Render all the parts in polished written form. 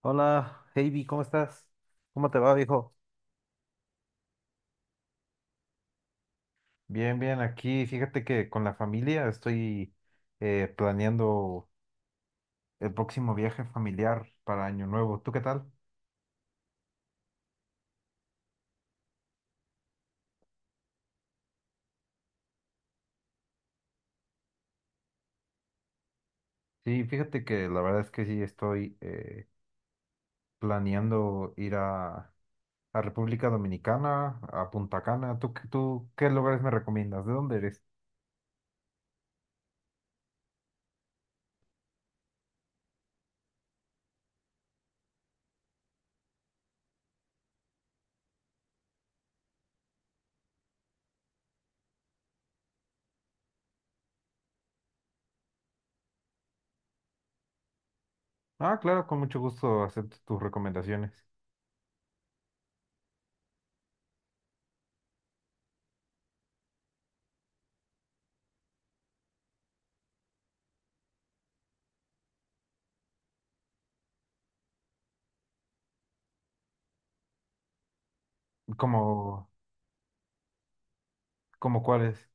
Hola, Heidi, ¿cómo estás? ¿Cómo te va, viejo? Bien, bien, aquí fíjate que con la familia estoy planeando el próximo viaje familiar para Año Nuevo. ¿Tú qué tal? Sí, fíjate que la verdad es que sí estoy planeando a República Dominicana, a Punta Cana. ¿ Tú qué lugares me recomiendas? ¿De dónde eres? Ah, claro, con mucho gusto acepto tus recomendaciones. ¿Cómo, Cómo cuáles?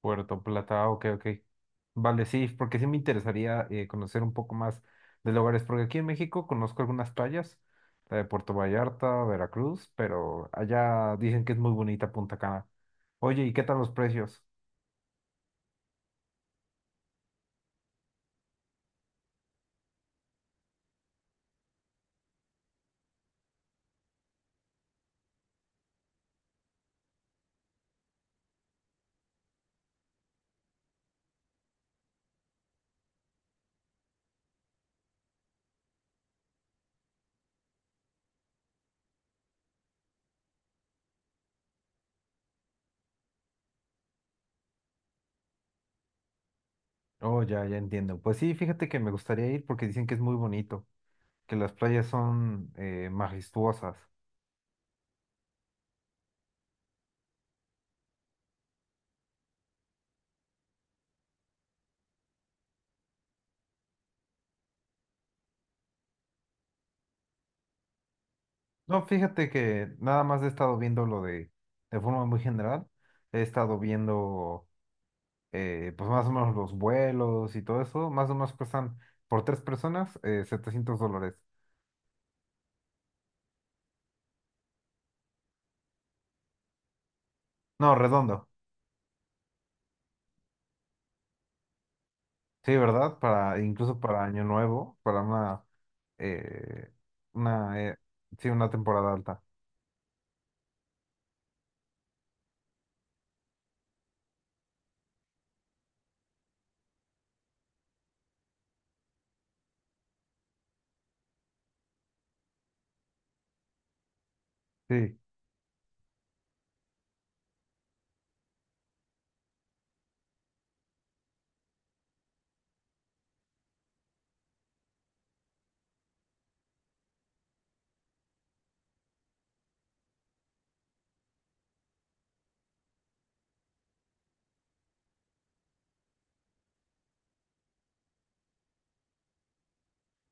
Puerto Plata, ah, ok, ok. Vale, sí, porque sí me interesaría conocer un poco más de lugares, porque aquí en México conozco algunas playas, la de Puerto Vallarta, Veracruz, pero allá dicen que es muy bonita Punta Cana. Oye, ¿y qué tal los precios? Oh, ya, ya entiendo. Pues sí, fíjate que me gustaría ir porque dicen que es muy bonito, que las playas son majestuosas. No, fíjate que nada más he estado viendo de forma muy general, he estado viendo, pues más o menos los vuelos y todo eso, más o menos cuestan por tres personas $700. No, redondo. Sí, ¿verdad? Para, incluso para Año Nuevo, eh, una, eh, sí, una temporada alta. Sí,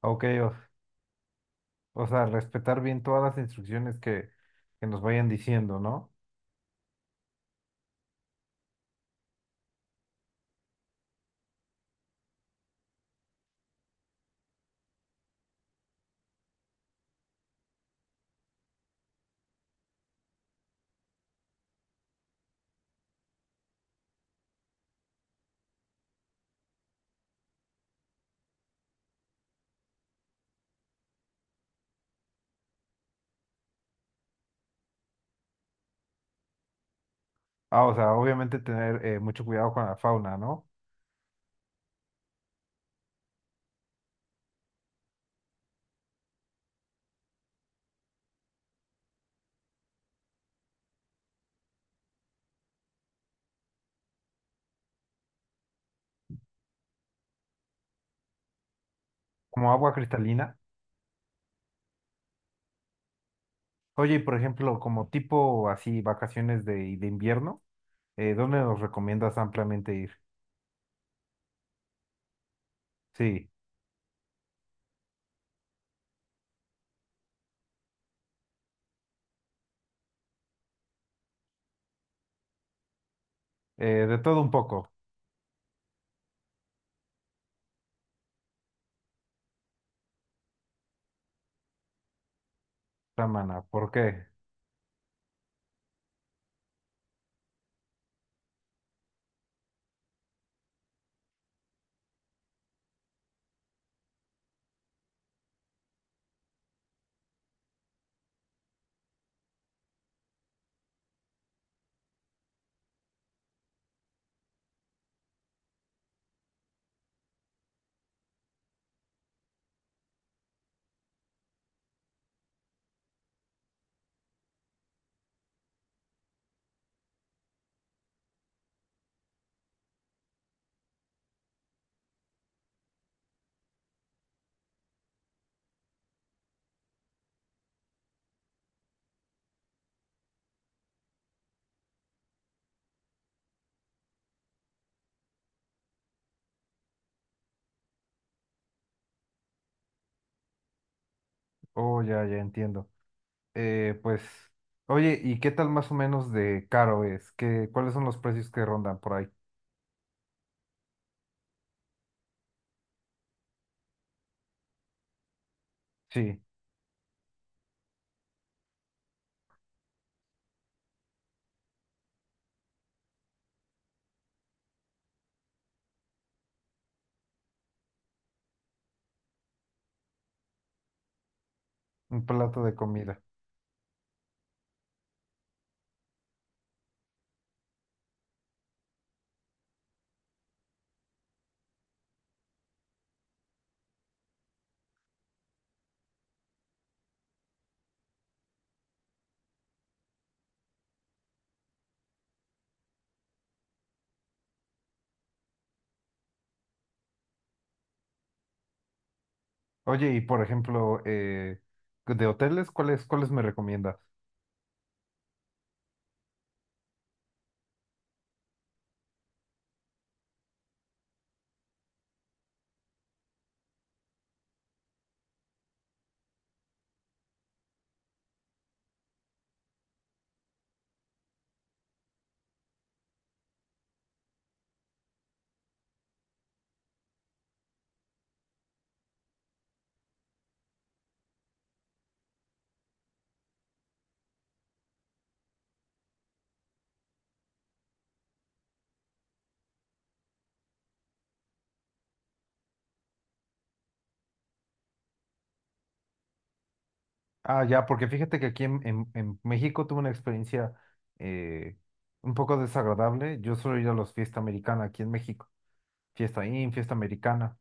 ok, o sea, respetar bien todas las instrucciones que que, nos vayan diciendo, ¿no? Ah, o sea, obviamente tener mucho cuidado con la fauna, ¿no? Como agua cristalina. Oye, y por ejemplo, como tipo así vacaciones de invierno. ¿Dónde nos recomiendas ampliamente ir? Sí, de todo un poco. Samana. ¿Por qué? Oh, ya, ya entiendo. Pues, oye, ¿y qué tal más o menos de caro es? ¿Qué, cuáles son los precios que rondan por ahí? Sí, un plato de comida. Oye, y por ejemplo, de hoteles, ¿cuáles, cuáles me recomiendas? Ah, ya, porque fíjate que aquí en México tuve una experiencia eh, un poco desagradable. Yo suelo ir a los fiesta americana aquí en México. Fiesta americana.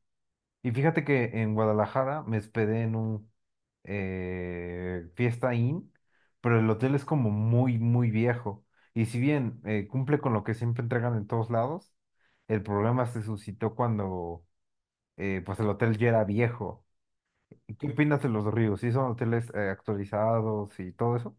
Y fíjate que en Guadalajara me hospedé en un Fiesta Inn, pero el hotel es como muy, muy viejo. Y si bien cumple con lo que siempre entregan en todos lados, el problema se suscitó cuando pues el hotel ya era viejo. ¿Y qué opinas de los ríos? ¿Sí son hoteles actualizados y todo eso?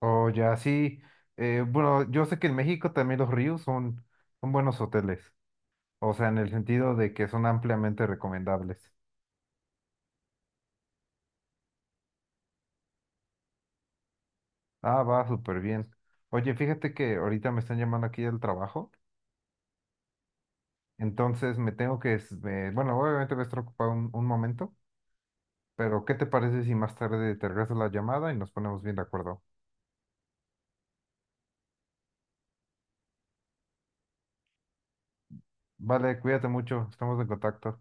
O ya sí, bueno, yo sé que en México también los ríos son buenos hoteles, o sea, en el sentido de que son ampliamente recomendables. Ah, va súper bien. Oye, fíjate que ahorita me están llamando aquí del trabajo, entonces me tengo que, bueno, obviamente voy a estar ocupado un momento, pero ¿qué te parece si más tarde te regreso la llamada y nos ponemos bien de acuerdo? Vale, cuídate mucho, estamos en contacto.